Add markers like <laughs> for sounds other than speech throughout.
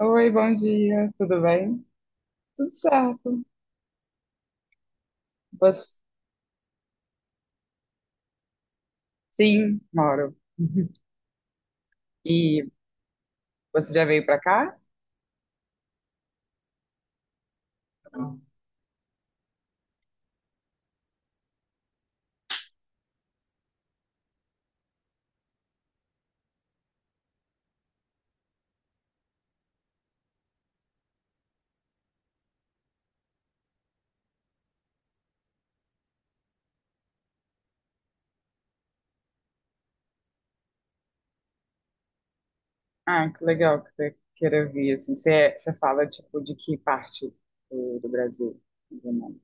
Oi, bom dia, tudo bem? Tudo certo. Você... Sim, moro. <laughs> E você já veio pra cá? Ah, que legal que você queira vir, assim. Você fala, tipo, de que parte do Brasil? Do mundo?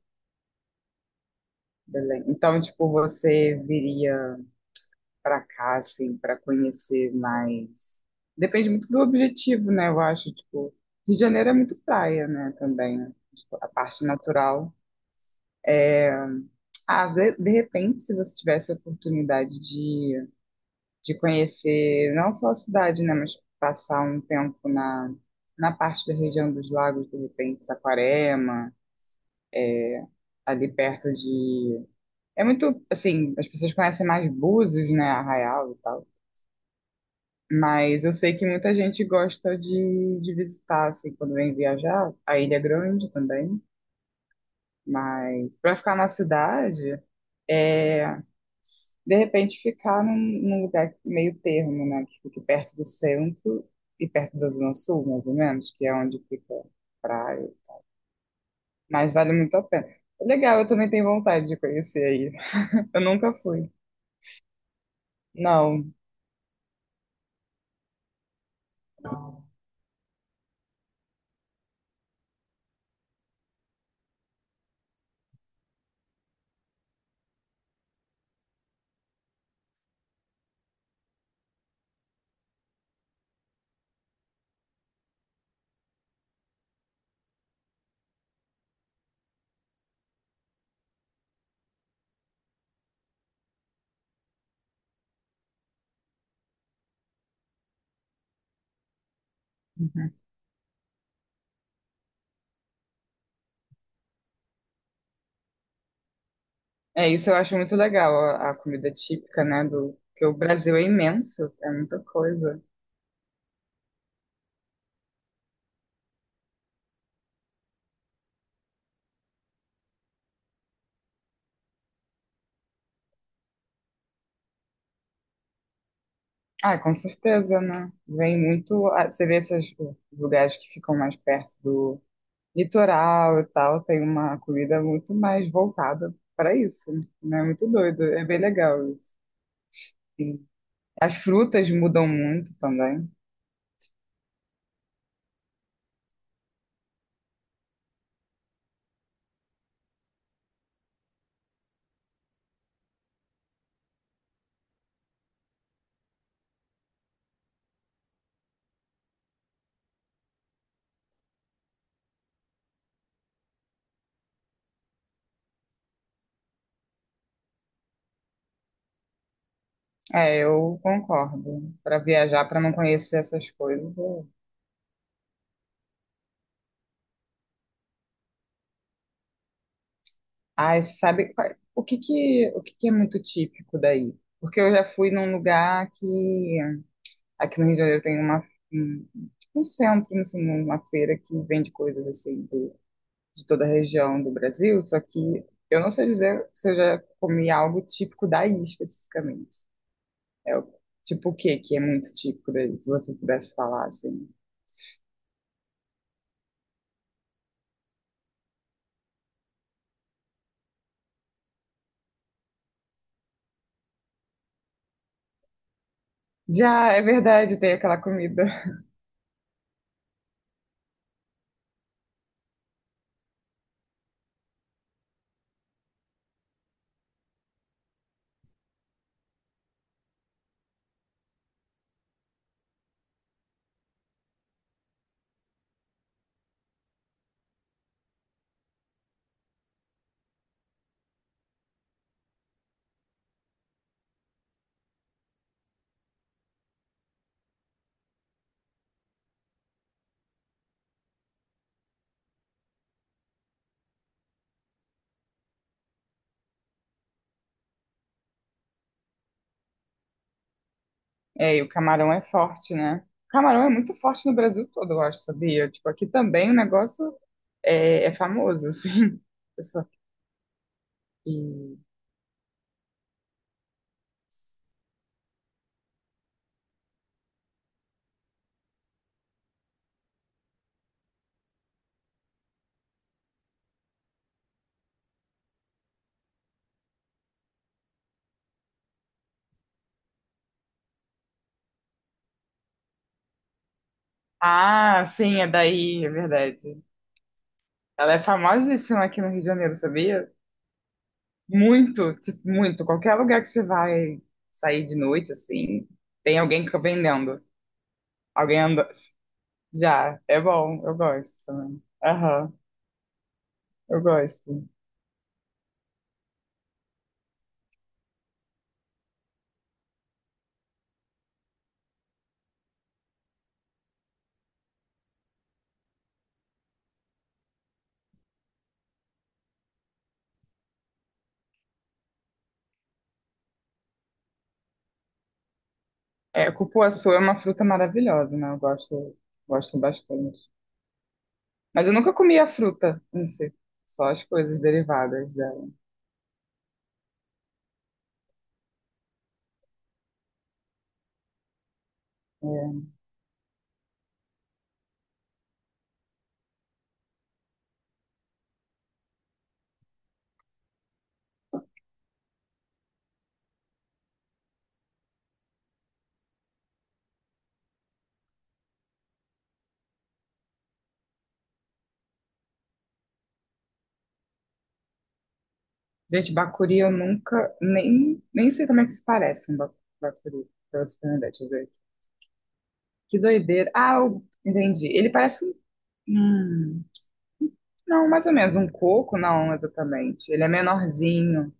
Belém. Então, tipo, você viria pra cá, assim, pra conhecer mais. Depende muito do objetivo, né? Eu acho, tipo. Rio de Janeiro é muito praia, né, também. Tipo, a parte natural. Ah, de repente, se você tivesse a oportunidade de, conhecer não só a cidade, né, mas passar um tempo na, parte da região dos lagos, de repente, Saquarema, ali perto de. É muito, assim, as pessoas conhecem mais Búzios, né, Arraial e tal. Mas eu sei que muita gente gosta de, visitar, assim, quando vem viajar, a Ilha Grande também. Mas para ficar na cidade. é De repente ficar num, lugar meio termo, né? Que fique perto do centro e perto da Zona Sul, mais ou menos, que é onde fica a praia. Mas vale muito a pena. Legal, eu também tenho vontade de conhecer aí. <laughs> Eu nunca fui. Não. Uhum. É isso, eu acho muito legal a, comida típica, né? Porque o Brasil é imenso, é muita coisa. Ah, com certeza, né? Vem muito. Você vê esses lugares que ficam mais perto do litoral e tal, tem uma comida muito mais voltada para isso, né? Muito doido, é bem legal isso. E as frutas mudam muito também. É, eu concordo. Para viajar, para não conhecer essas coisas. Ah, o que que é muito típico daí? Porque eu já fui num lugar que aqui no Rio de Janeiro tem uma um, tipo um centro, assim, uma feira que vende coisas assim, de toda a região do Brasil, só que eu não sei dizer se eu já comi algo típico daí especificamente. É o tipo o quê que é muito típico daí, se você pudesse falar assim. Já é verdade, tem aquela comida. É, e o camarão é forte, né? O camarão é muito forte no Brasil todo, eu acho, sabia? Tipo, aqui também o negócio é famoso, assim. <laughs> Só que- Ah, sim, é daí, é verdade. Ela é famosíssima aqui no Rio de Janeiro, sabia? Muito, tipo, muito. Qualquer lugar que você vai sair de noite, assim, tem alguém que fica vendendo. Alguém anda. Já, é bom, eu gosto também. Aham, eu gosto. É, cupuaçu é uma fruta maravilhosa, né? Eu gosto, gosto bastante. Mas eu nunca comi a fruta em si, só as coisas derivadas dela. É. Gente, bacuri eu nunca, nem sei como é que se parece um bacuri, pra você ter uma ideia, deixa eu ver aqui. Que doideira. Ah, eu entendi. Ele parece um. hum, Não, mais ou menos. Um coco, não, exatamente. Ele é menorzinho,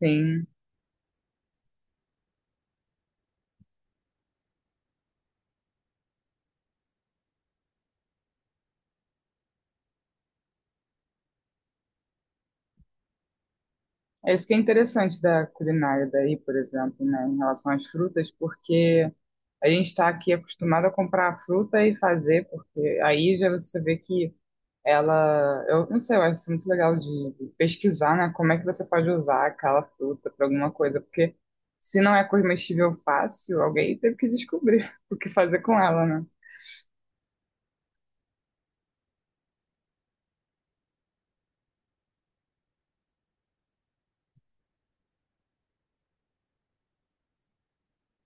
sim. É isso que é interessante da culinária daí, por exemplo, né, em relação às frutas, porque a gente está aqui acostumado a comprar a fruta e fazer, porque aí já você vê que ela. Eu não sei, eu acho isso muito legal de pesquisar, né, como é que você pode usar aquela fruta para alguma coisa, porque se não é comestível fácil, alguém teve que descobrir <laughs> o que fazer com ela, né?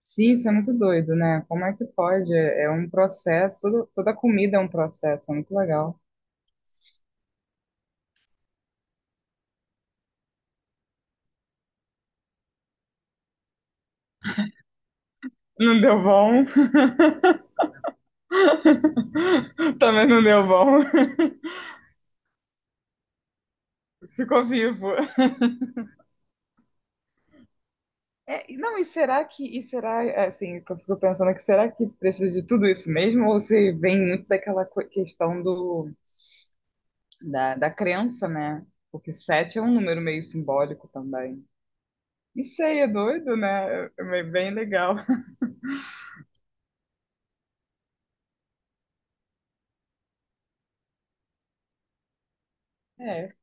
Sim, isso é muito doido, né? Como é que pode? É um processo, toda comida é um processo, é muito legal. Não deu bom. <laughs> Também não deu bom. <laughs> Ficou vivo. É, e não, e será, assim, que eu fico pensando que será que precisa de tudo isso mesmo? Ou se vem muito daquela questão da crença, né? Porque sete é um número meio simbólico também. Não sei, é doido, né? É bem legal. <laughs> É.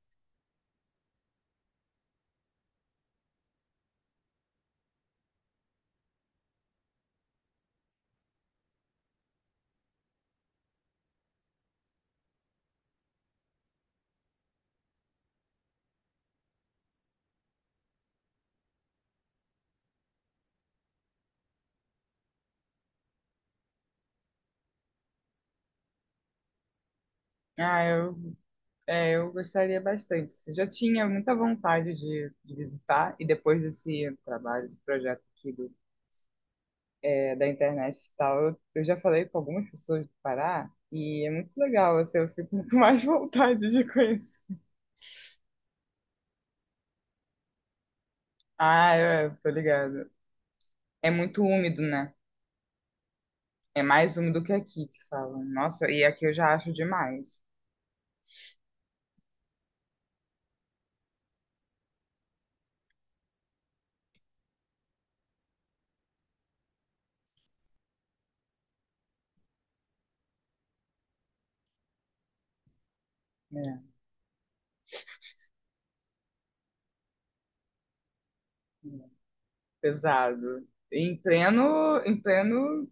Ah, eu É, eu gostaria bastante. Eu já tinha muita vontade de, visitar, e depois desse trabalho, desse projeto aqui da internet e tal, eu já falei com algumas pessoas do Pará, e é muito legal, assim, eu fico <laughs> com mais vontade de conhecer. Ah, eu tô ligado. É muito úmido, né? É mais úmido que aqui, que falam. Nossa, e aqui eu já acho demais. É, é. Pesado. Em pleno,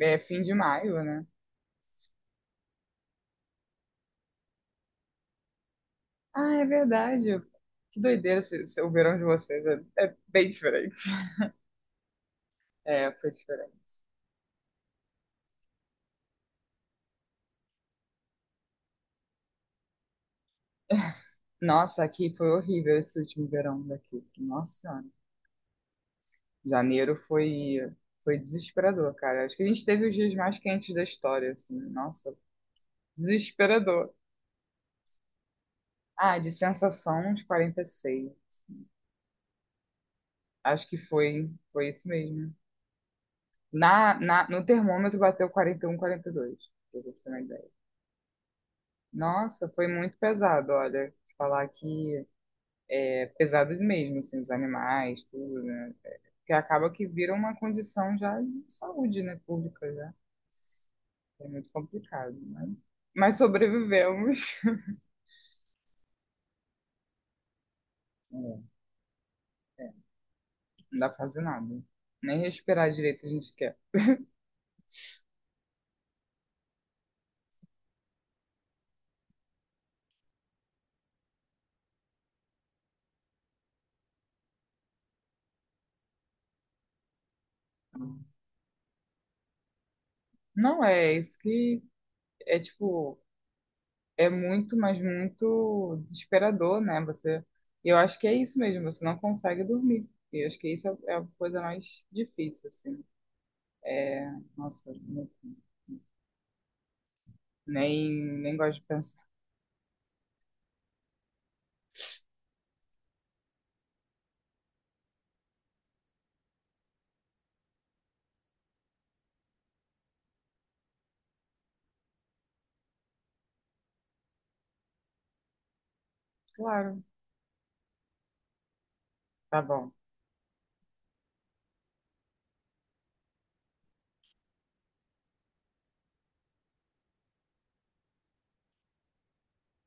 fim de maio, né? Ah, é verdade. Que doideira o verão de vocês. É, é bem diferente. <laughs> É, foi diferente. <laughs> Nossa, aqui foi horrível esse último verão daqui. Nossa Senhora. Janeiro foi desesperador, cara. Acho que a gente teve os dias mais quentes da história, assim. Nossa, desesperador. Ah, de sensação uns 46. Acho que foi isso mesmo. No termômetro bateu um, 41, 42, pra você ter uma ideia. Nossa, foi muito pesado, olha. Falar que pesadas mesmo, assim, os animais, tudo, né? Que acaba que vira uma condição já de saúde, né, pública já. É muito complicado, mas sobrevivemos. É, não dá pra fazer nada. Nem respirar direito a gente quer. Não, é isso que é tipo, é muito, mas muito desesperador, né? Eu acho que é isso mesmo, você não consegue dormir. E eu acho que isso é a coisa mais difícil, assim. É, nossa, nem, nem gosto de pensar. Claro, tá bom.